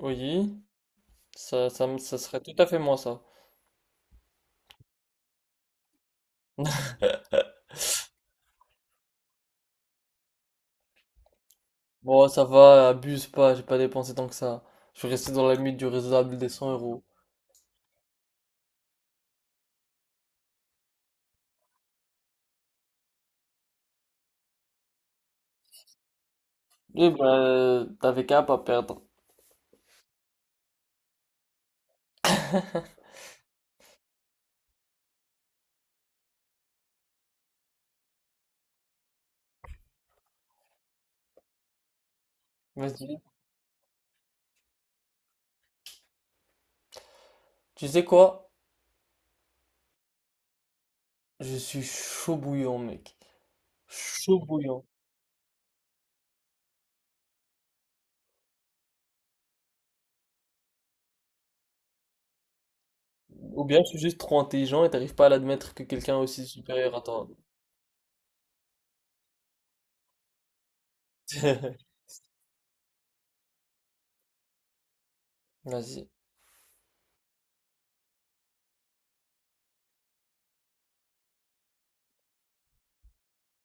Oui, ça, ça serait tout à fait moi ça. Bon, ça va, abuse pas, j'ai pas dépensé tant que ça. Je suis resté dans la limite du raisonnable des 100 euros. Eh ben, t'avais qu'à pas perdre. Vas-y. Tu sais quoi? Je suis chaud bouillant, mec. Chaud bouillant. Ou bien je suis juste trop intelligent et t'arrives pas à l'admettre que quelqu'un est aussi supérieur à toi. Vas-y.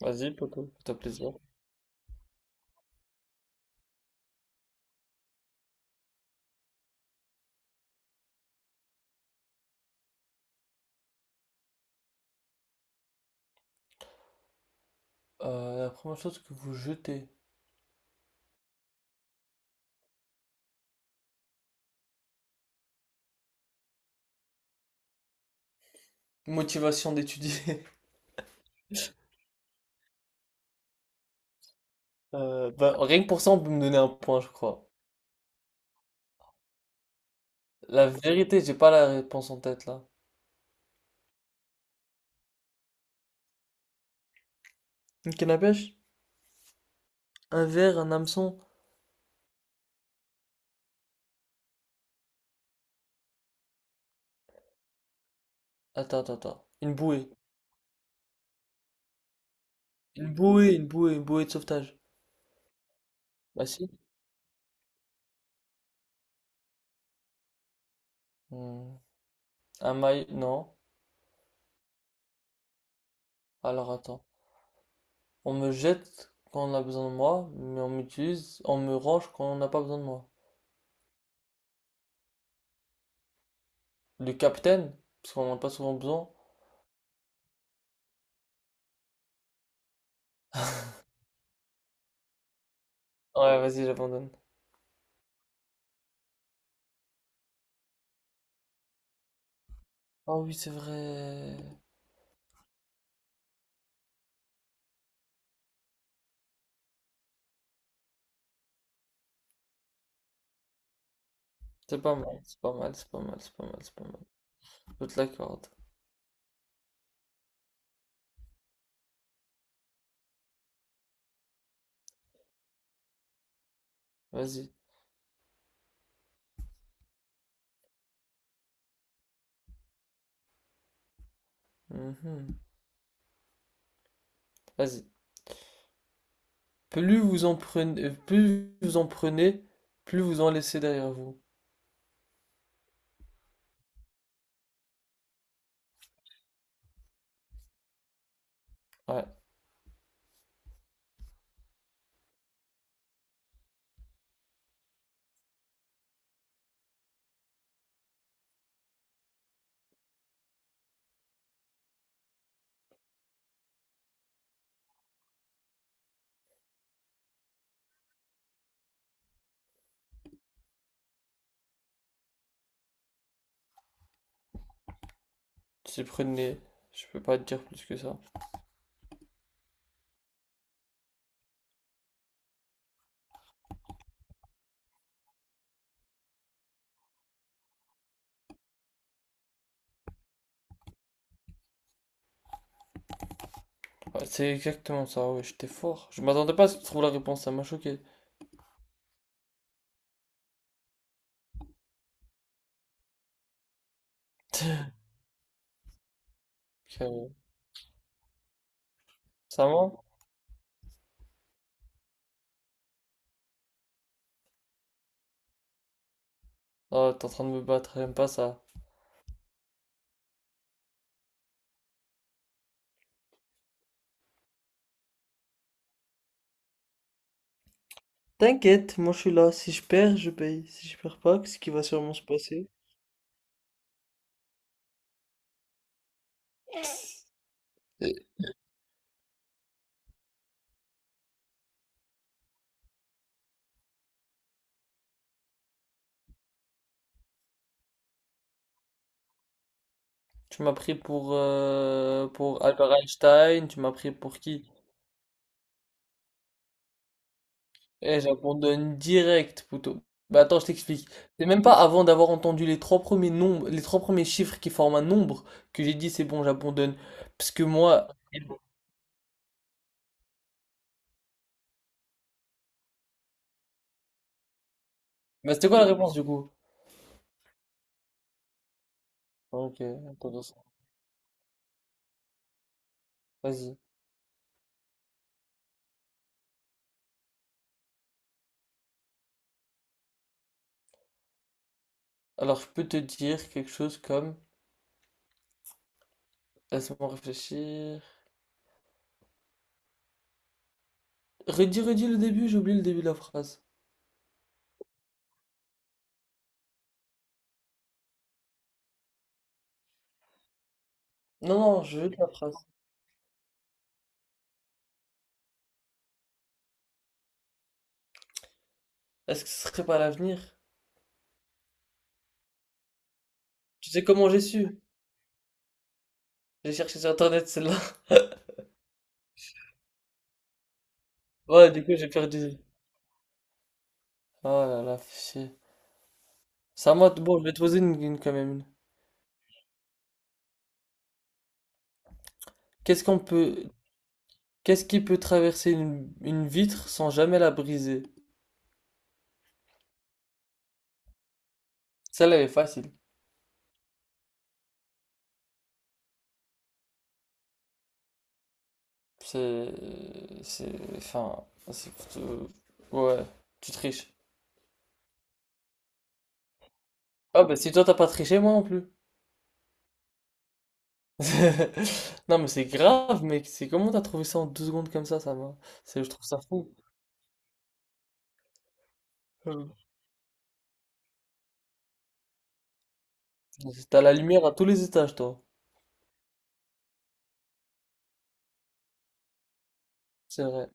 Vas-y, poto, fais-toi plaisir. La première chose que vous jetez. Motivation d'étudier. Rien que pour ça, on peut me donner un point, je crois. La vérité, j'ai pas la réponse en tête là. Une canne à pêche? Un verre, un hameçon? Attends, attends, attends. Une bouée. Une bouée, une bouée, une bouée de sauvetage. Bah si. Hmm. Un maille, non. Alors attends. On me jette quand on a besoin de moi, mais on m'utilise, on me range quand on n'a pas besoin de moi. Le capitaine, parce qu'on n'en a pas souvent besoin. Ouais, vas-y, j'abandonne. Ah oui, c'est vrai. C'est pas mal, c'est pas mal, c'est pas mal, c'est pas mal, c'est pas mal. Je te l'accorde. Vas-y. Mhm. Vas-y. Plus vous en prenez, plus vous en prenez, plus vous en laissez derrière vous. Ouais, si prenez, je peux pas te dire plus que ça. Ouais, c'est exactement ça, ouais, j'étais fort. Je m'attendais pas à ce que tu trouves la réponse, ça m'a choqué. Ok, ouais. Ça ment? Oh, t'es en train de me battre, j'aime pas ça. T'inquiète, moi je suis là. Si je perds, je paye. Si je perds pas, ce qui va sûrement se passer. Et tu m'as pris pour Albert Einstein, tu m'as pris pour qui? Eh, j'abandonne direct, plutôt. Bah attends, je t'explique. C'est même pas avant d'avoir entendu les trois premiers nombres, les trois premiers chiffres qui forment un nombre que j'ai dit c'est bon, j'abandonne. Parce que moi, bah c'était quoi la réponse du coup? Ah, ok, intéressant. Vas-y. Alors je peux te dire quelque chose comme, laisse-moi réfléchir. Redis, redis le début, j'ai oublié le début de la phrase. Non, non, je veux que la phrase. Est-ce que ce serait pas l'avenir? Tu sais comment j'ai su? J'ai cherché sur internet celle-là. Ouais, du coup j'ai perdu. Oh là là, fichier. C'est à moi, bon, je vais te poser une quand même. Qu'est-ce qu'on peut, qu'est-ce qui peut traverser une vitre sans jamais la briser? Celle-là elle est facile. C'est, c'est, enfin, c'est- euh, ouais, tu triches. Ah bah si toi t'as pas triché, moi non plus. Non mais c'est grave, mec. C'est comment t'as trouvé ça en 2 secondes comme ça va. C'est, je trouve ça fou. Euh, T'as la lumière à tous les étages, toi. C'est vrai.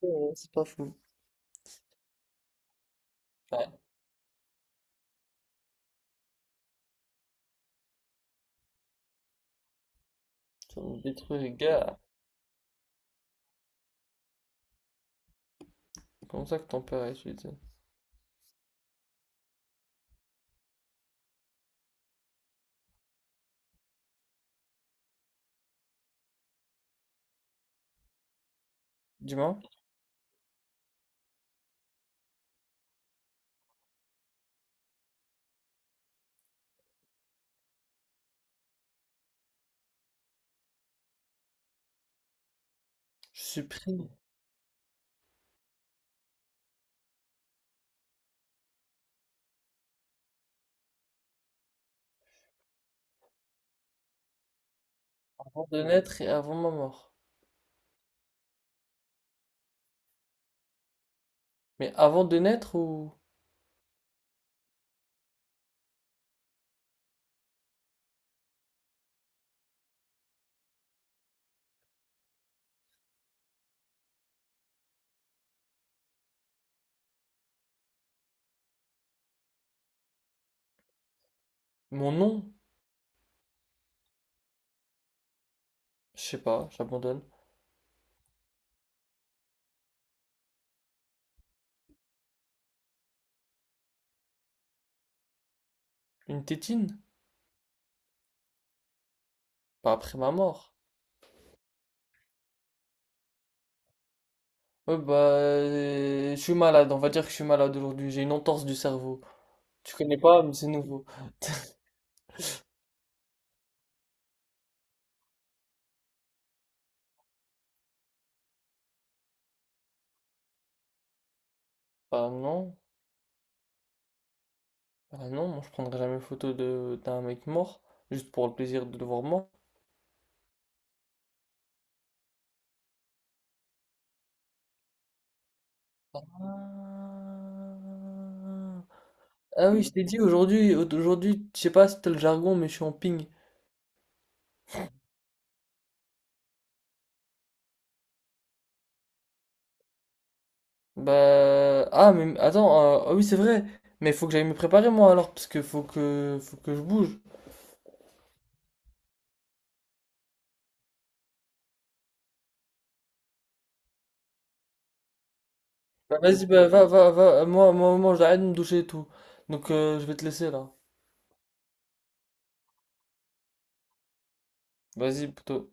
C'est vrai, c'est pas fou. Ouais, ça me détruit les gars. Comment ça que ton père est suicide? Dis-moi. Je suis pris avant de naître et avant ma mort. Mais avant de naître ou... Mon nom? Je sais pas, j'abandonne. Une tétine? Pas après ma mort. Ouais, bah, je suis malade, on va dire que je suis malade aujourd'hui, j'ai une entorse du cerveau. Tu connais pas, mais c'est nouveau. Bah non, bah non, moi je prendrai jamais photo de d'un mec mort, juste pour le plaisir de le voir mort. Ah, ah oui, je t'ai dit aujourd'hui, aujourd'hui, je sais pas si t'as le jargon, mais je suis en ping. Bah. Ah, mais attends, ah oui, c'est vrai. Mais faut que j'aille me préparer, moi, alors, parce que faut que, faut que je bouge. Bah, vas-y, bah, va, va, va. Moi, moi, moi, j'arrête de me doucher et tout. Donc, je vais te laisser, là. Vas-y, plutôt.